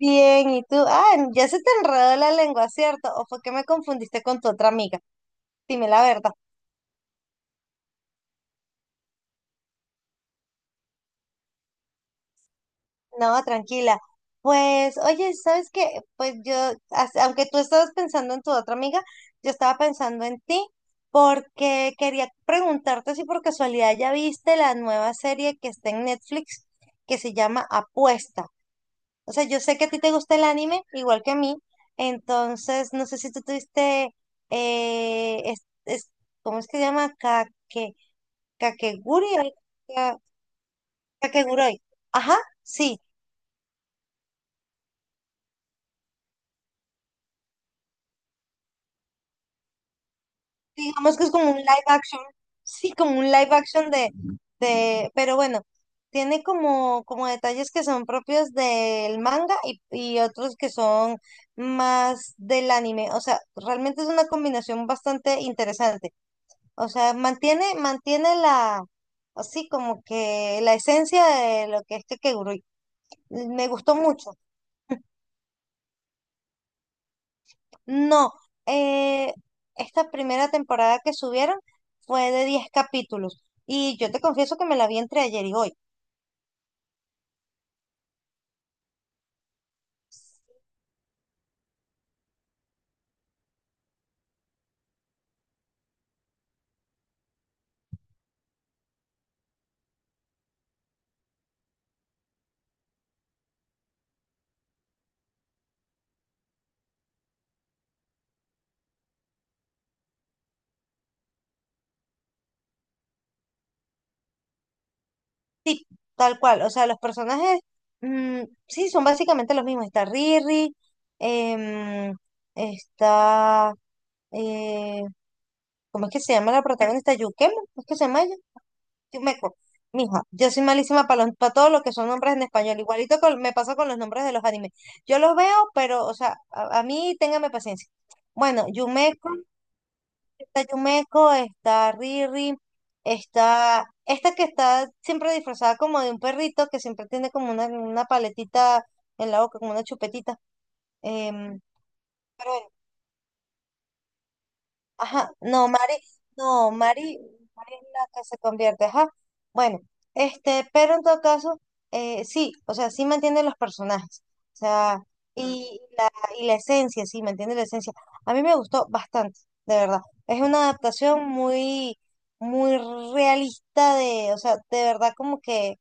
Bien, ¿y tú? Ah, ya se te enredó la lengua, ¿cierto? ¿O fue que me confundiste con tu otra amiga? Dime la verdad. No, tranquila. Pues, oye, ¿sabes qué? Pues yo, aunque tú estabas pensando en tu otra amiga, yo estaba pensando en ti porque quería preguntarte si por casualidad ya viste la nueva serie que está en Netflix que se llama Apuesta. O sea, yo sé que a ti te gusta el anime, igual que a mí. Entonces, no sé si tú tuviste. eh, es- es- ¿Cómo es que se llama? Kakeguri, al- Ka- Kakeguroi. Ajá, sí. Digamos que es como un live action. Sí, como un live action pero bueno, tiene como detalles que son propios del manga y otros que son más del anime. O sea, realmente es una combinación bastante interesante. O sea, mantiene la, así como que la esencia de lo que es Kakegurui. Me gustó mucho. No, eh, esta primera temporada que subieron fue de 10 capítulos. Y yo te confieso que me la vi entre ayer y hoy, tal cual. O sea, los personajes, mm, sí, son básicamente los mismos. Está Riri, em, está, eh, ¿cómo es que se llama la protagonista? Yukemo, ¿cómo es que se llama ella? sí me co- Mija, yo soy malísima para todo lo que son nombres en español. Igualito me pasa con los nombres de los animes. Yo los veo, pero, o sea, a mí téngame paciencia. Bueno, está Yumeko, está Riri, está esta que está siempre disfrazada como de un perrito, que siempre tiene como una paletita en la boca, como una chupetita. em, Ajá, no, Mari, no, Mari es la que se convierte, ajá. Bueno, pero en todo caso, sí, o sea, sí mantiene los personajes, o sea, y la, y la esencia, sí, mantiene la esencia. A mí me gustó bastante, de verdad. Es una adaptación muy, muy realista de, o sea, de verdad como que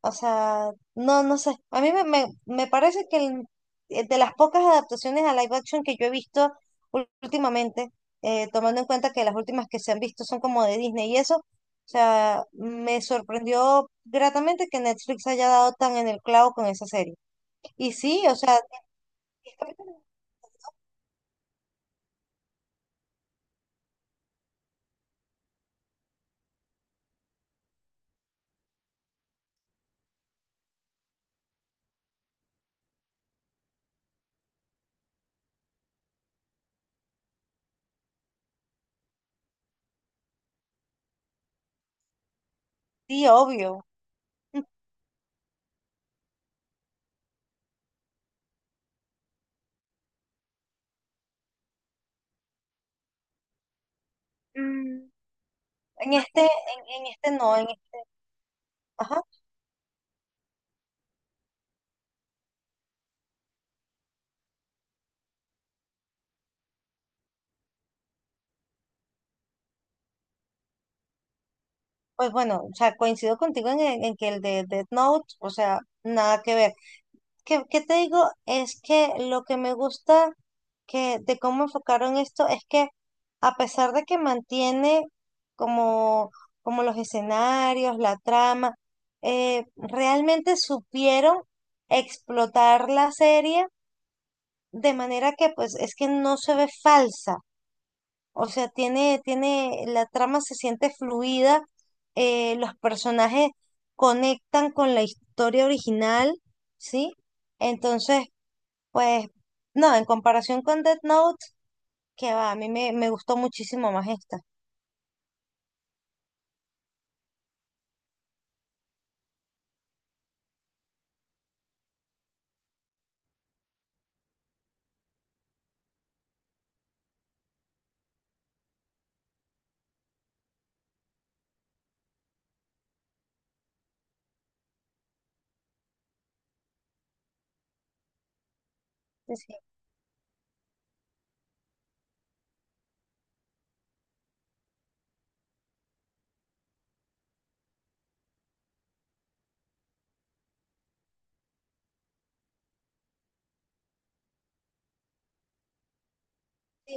o sea, no, no sé. A mí me parece que de las pocas adaptaciones a live action que yo he visto últimamente, tomando en cuenta que las últimas que se han visto son como de Disney y eso, o sea, me sorprendió gratamente que Netflix haya dado tan en el clavo con esa serie. Y sí, o sea, sí, obvio. Mm, En este, en, en este no, ajá, pues bueno, o sea, coincido contigo en, en que el de Death Note, o sea, nada que ver. ¿Qué te digo? Es que lo que me gusta que, de cómo enfocaron esto es que a pesar de que mantiene como, como los escenarios, la trama, realmente supieron explotar la serie de manera que pues es que no se ve falsa. O sea, la trama se siente fluida, los personajes conectan con la historia original, ¿sí? Entonces, pues no, en comparación con Death Note, que va, a mí me gustó muchísimo más esta. Sí, sí. Sí.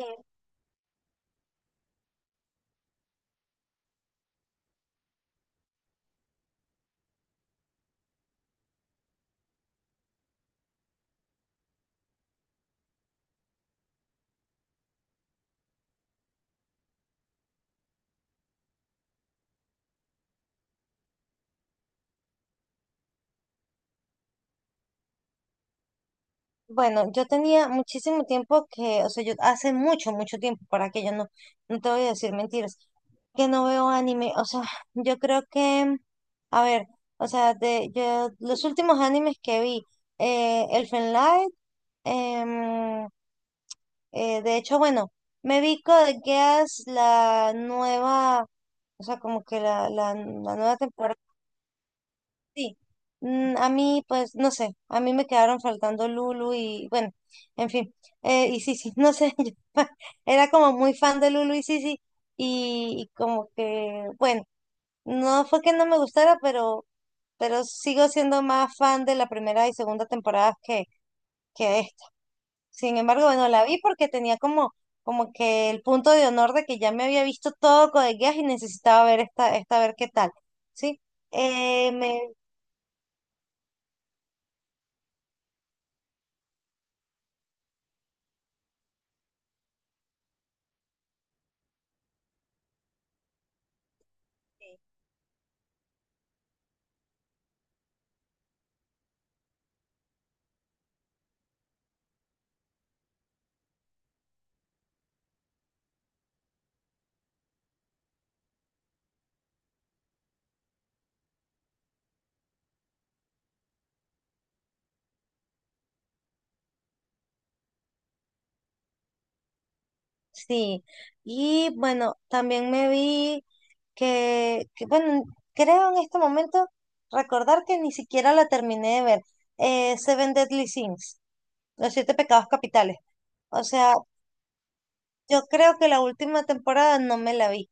Bueno, yo tenía muchísimo tiempo que, o sea, yo hace mucho, mucho tiempo, para que yo no te voy a decir mentiras, que no veo anime. O sea, yo creo que, a ver, o sea, los últimos animes que vi, Elfen Lied, em, de hecho, bueno, me vi Code Geass, la nueva, o sea, como que la, la nueva temporada. Sí, a mí, pues, no sé, a mí me quedaron faltando Lulu y, bueno, en fin, y Sisi, no sé, yo era como muy fan de Lulu y Sisi y como que, bueno, no fue que no me gustara, pero sigo siendo más fan de la primera y segunda temporada que esta. Sin embargo, bueno, la vi porque tenía como, como que el punto de honor de que ya me había visto todo Code Geass y necesitaba ver esta, a ver qué tal, ¿sí? Me Sí, y bueno, también me vi bueno, creo en este momento recordar que ni siquiera la terminé de ver, Seven Deadly Sins, Los Siete Pecados Capitales. O sea, yo creo que la última temporada no me la vi,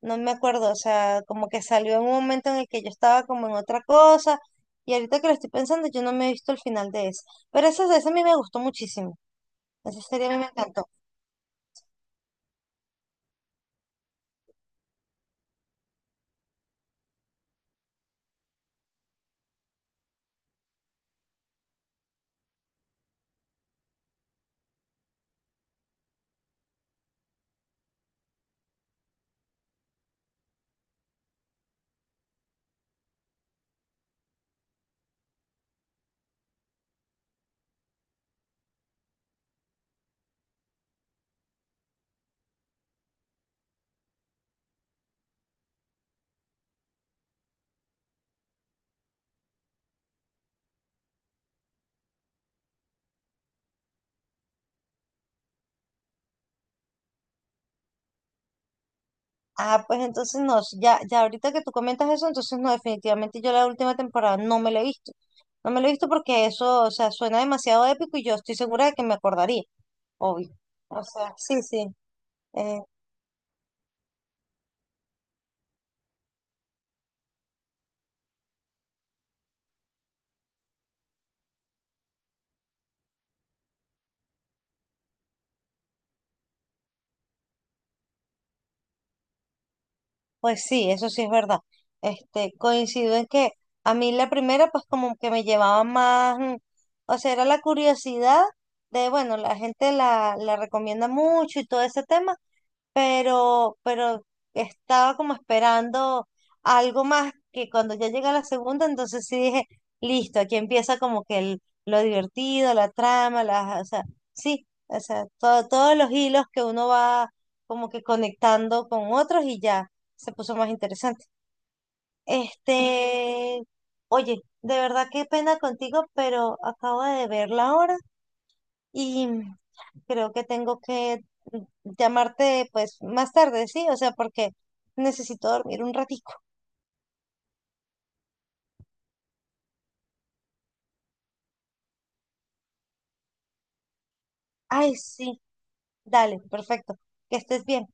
no me acuerdo, o sea, como que salió en un momento en el que yo estaba como en otra cosa, y ahorita que lo estoy pensando, yo no me he visto el final de esa. Pero esa a mí me gustó muchísimo, esa serie a mí me encantó. Ah, pues entonces no, ya, ya ahorita que tú comentas eso, entonces no, definitivamente yo la última temporada no me la he visto. No me la he visto porque eso, o sea, suena demasiado épico y yo estoy segura de que me acordaría, obvio. O sea, sí, sí, eh, pues sí, eso sí es verdad. Coincido en que a mí la primera, pues como que me llevaba más, o sea, era la curiosidad de, bueno, la gente la recomienda mucho y todo ese tema. Pero estaba como esperando algo más que cuando ya llega la segunda, entonces sí dije, listo, aquí empieza como que el, lo divertido, la trama, las, o sea, sí, o sea, todos los hilos que uno va como que conectando con otros y ya se puso más interesante. Este, oye, de verdad qué pena contigo, pero acabo de ver la hora y creo que tengo que llamarte pues más tarde, ¿sí? O sea, porque necesito dormir un ratico. Ay, sí, dale, perfecto. Que estés bien.